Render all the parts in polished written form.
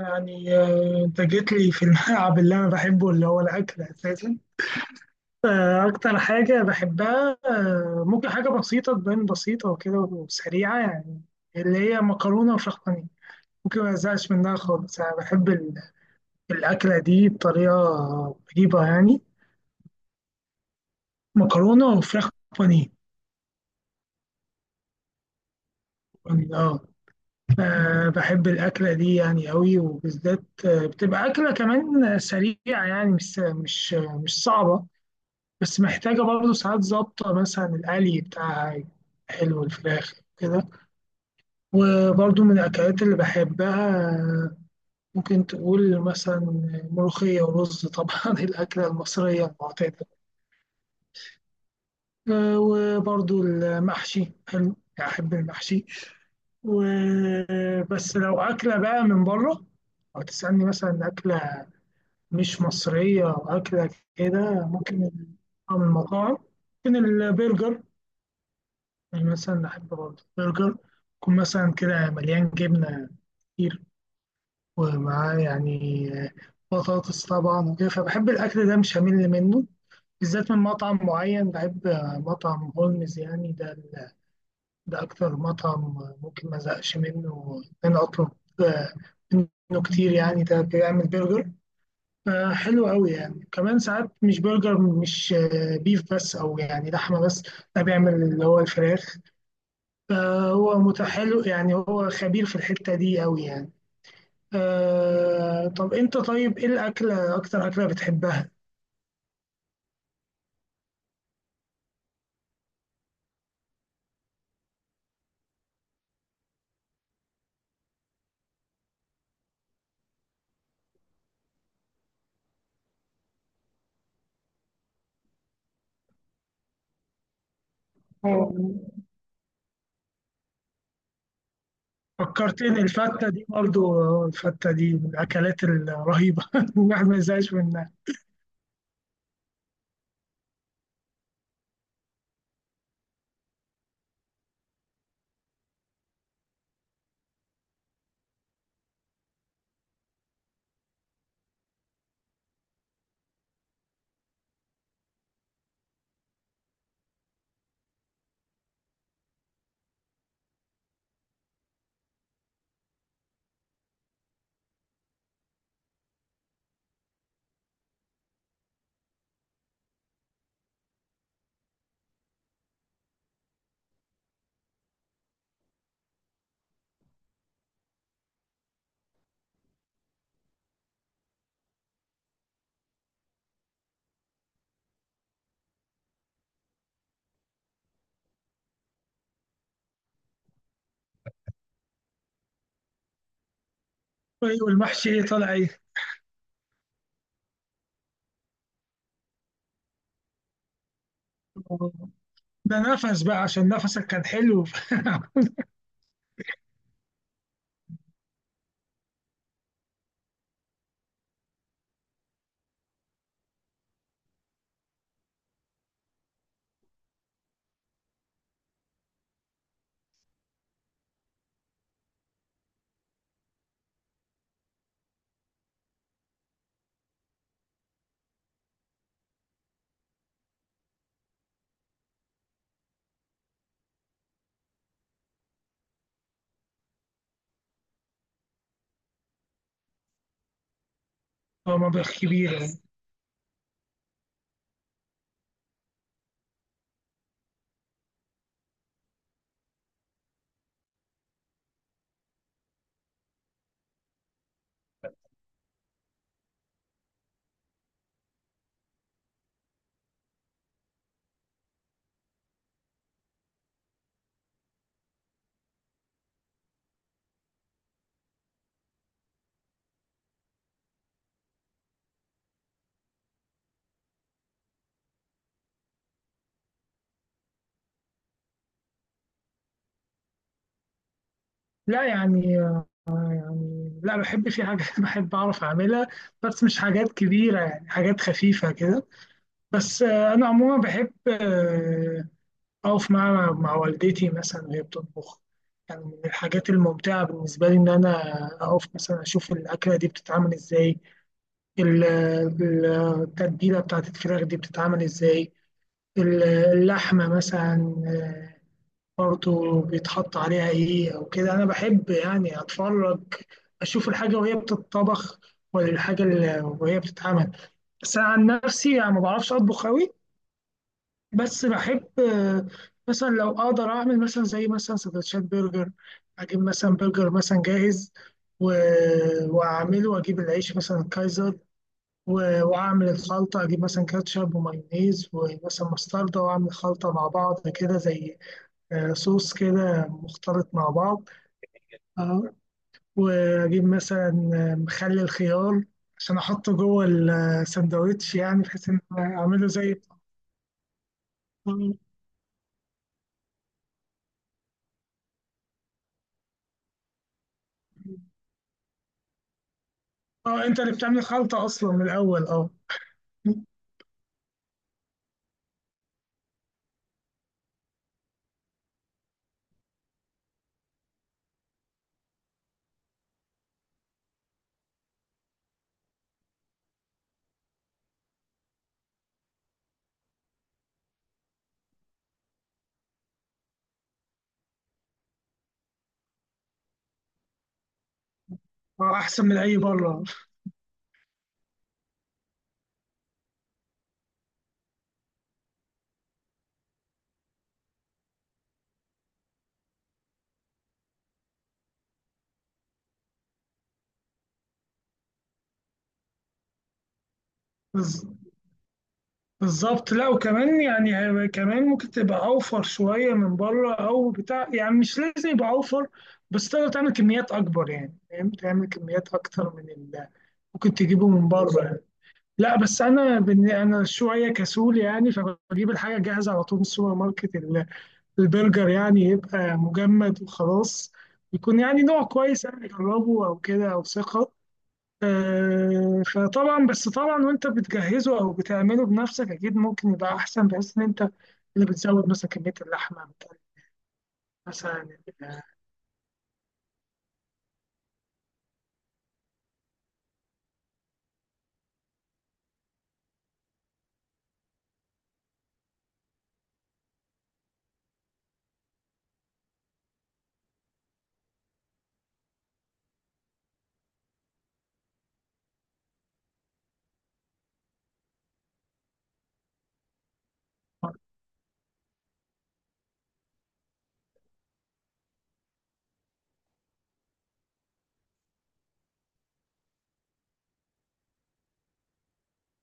يعني انت جيت لي في الملعب اللي انا بحبه اللي هو الاكل اساسا. اكتر حاجه بحبها، ممكن حاجه بسيطه تبان بسيطه وكده وسريعه، يعني اللي هي مكرونه وفراخ بانيه. ممكن ما ازهقش منها خالص. انا بحب الاكله دي بطريقه غريبه يعني. مكرونه وفراخ بانيه. اه. بحب الأكلة دي يعني قوي، وبالذات بتبقى أكلة كمان سريعة، يعني مش صعبة، بس محتاجة برضه ساعات ظابطة، مثلا القلي بتاعها حلو الفراخ كده. وبرضه من الأكلات اللي بحبها، ممكن تقول مثلا ملوخية ورز طبعا الأكلة المصرية المعتادة. وبرضه المحشي حلو، أحب المحشي. وبس لو أكلة بقى من بره، أو تسألني مثلا أكلة مش مصرية أو أكلة كده، ممكن أو من المطاعم ممكن البرجر. يعني مثلا بحب برضه برجر يكون مثلا كده مليان جبنة كتير، ومعاه يعني بطاطس طبعا وكده. فبحب الأكل ده، مش همل منه، بالذات من مطعم معين بحب، مطعم هولمز. يعني ده أكتر مطعم ممكن ما أزهقش منه، إن أنا أطلب آه، منه كتير. يعني ده بيعمل برجر حلو قوي يعني، كمان ساعات مش برجر، مش بيف بس أو يعني لحمة بس، ده بيعمل اللي هو الفراخ. هو متحلو يعني، هو خبير في الحتة دي أوي يعني. آه، طب أنت طيب إيه الأكلة، أكتر أكلة بتحبها؟ آه، فكرتني الفتة دي برضو، الفتة دي من الأكلات الرهيبة الواحد ما يزهقش منها. وإيه، والمحشي إيه طالع إيه؟ ده نفس بقى، عشان نفسك كان حلو. هو مبلغ كبير يعني. لا يعني، يعني لا، بحب في حاجات بحب أعرف أعملها، بس مش حاجات كبيرة يعني، حاجات خفيفة كده. بس انا عموما بحب اقف مع والدتي مثلا وهي بتطبخ. يعني من الحاجات الممتعه بالنسبه لي ان انا اقف مثلا اشوف الاكله دي بتتعمل ازاي، ال- ال- التتبيله بتاعت الفراخ دي بتتعمل ازاي، اللحمه مثلا برضه بيتحط عليها ايه او كده. انا بحب يعني اتفرج، اشوف الحاجه وهي بتتطبخ، ولا الحاجه اللي وهي بتتعمل. بس انا عن نفسي يعني ما بعرفش اطبخ قوي. بس بحب مثلا لو اقدر اعمل مثلا زي مثلا سندوتشات برجر، اجيب مثلا برجر مثلا جاهز و... واعمله، واجيب العيش مثلا كايزر، و... واعمل الخلطه، اجيب مثلا كاتشب ومايونيز ومثلا مستردة، واعمل خلطه مع بعض كده، زي صوص كده مختلط مع بعض. اه. واجيب مثلا مخلل خيار عشان احطه جوه الساندوتش، يعني بحيث ان اعمله زي. اه، انت اللي بتعمل خلطه اصلا من الاول. اه، اه، احسن من اي بره. بز- بالظبط، لا. وكمان يعني كمان ممكن تبقى اوفر شويه من بره او بتاع، يعني مش لازم يبقى اوفر، بس تقدر تعمل كميات اكبر يعني. فاهم، تعمل كميات اكتر من اللي ممكن تجيبه من بره يعني. لا، بس انا انا شويه كسول يعني، فبجيب الحاجه جاهزه على طول من السوبر ماركت. البرجر يعني يبقى مجمد وخلاص، يكون يعني نوع كويس يعني اجربه او كده، او ثقه. فطبعا، بس طبعا وانت بتجهزه او بتعمله بنفسك، اكيد ممكن يبقى احسن، بحيث ان انت اللي بتزود مثلا كميه اللحمه بتاعت مثلا.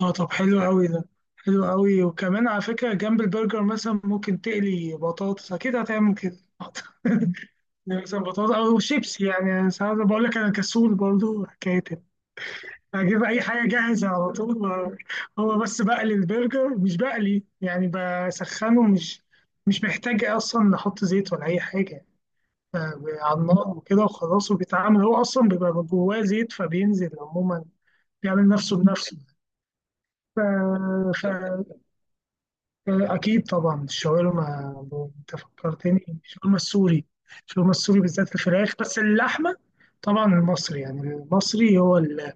اه، طب حلو قوي ده، حلو قوي. وكمان على فكره جنب البرجر مثلا ممكن تقلي بطاطس، اكيد هتعمل كده يعني مثلا بطاطس او شيبسي. يعني ساعات بقول لك انا كسول برضو حكايه، اجيب اي حاجه جاهزه على طول هو بس بقلي البرجر، مش بقلي يعني، بسخنه، مش مش محتاج اصلا نحط زيت ولا اي حاجه. ف- على النار وكده وخلاص، وبيتعمل هو اصلا، بيبقى جواه زيت، فبينزل عموما، بيعمل نفسه بنفسه. ف... ف... اكيد طبعا الشاورما. انت فكرتني الشاورما السوري، الشاورما السوري بالذات الفراخ، بس اللحمه طبعا المصري، يعني المصري هو اللي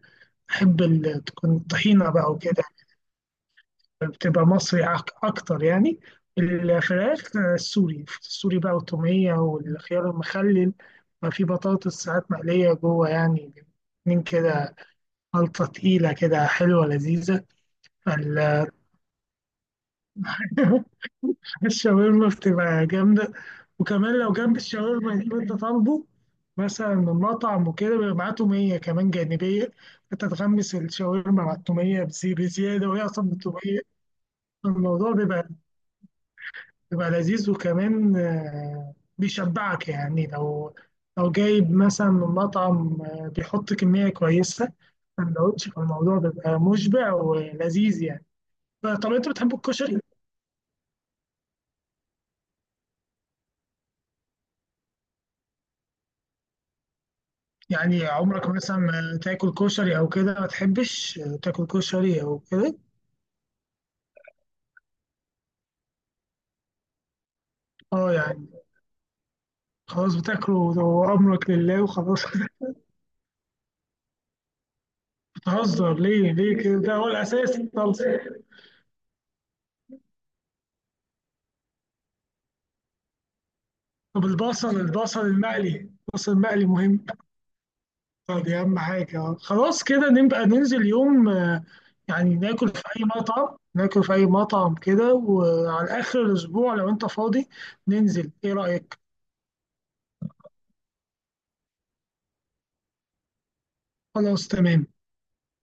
بحب تكون الطحينه بقى وكده، بتبقى مصري أكتر يعني. الفراخ السوري، السوري بقى، والتومية والخيار المخلل، ما في بطاطس ساعات مقلية جوه يعني، من كده، خلطة تقيلة كده حلوة لذيذة. ال- الشاورما بتبقى جامدة. وكمان لو جنب الشاورما اللي انت طالبه مثلا من مطعم وكده، بيبقى معاه تومية كمان جانبية، انت تغمس الشاورما مع التومية بزيادة، وهي أصلا التومية الموضوع بيبقى لذيذ، وكمان بيشبعك يعني. لو لو جايب مثلا من مطعم بيحط كمية كويسة سندوتش، فالموضوع بيبقى مشبع ولذيذ يعني. طب انت بتحب الكشري؟ يعني عمرك مثلا ما تاكل كشري او كده، ما تحبش تاكل كشري او كده؟ اه يعني، خلاص بتاكله وامرك لله وخلاص. بتهزر ليه كده، ده هو الاساس. طب طب البصل، البصل المقلي، البصل المقلي مهم، دي أهم حاجة. آه. خلاص كده نبقى ننزل يوم، يعني ناكل في أي مطعم، ناكل في أي مطعم كده، وعلى آخر الأسبوع لو أنت فاضي ننزل، إيه رأيك؟ خلاص تمام.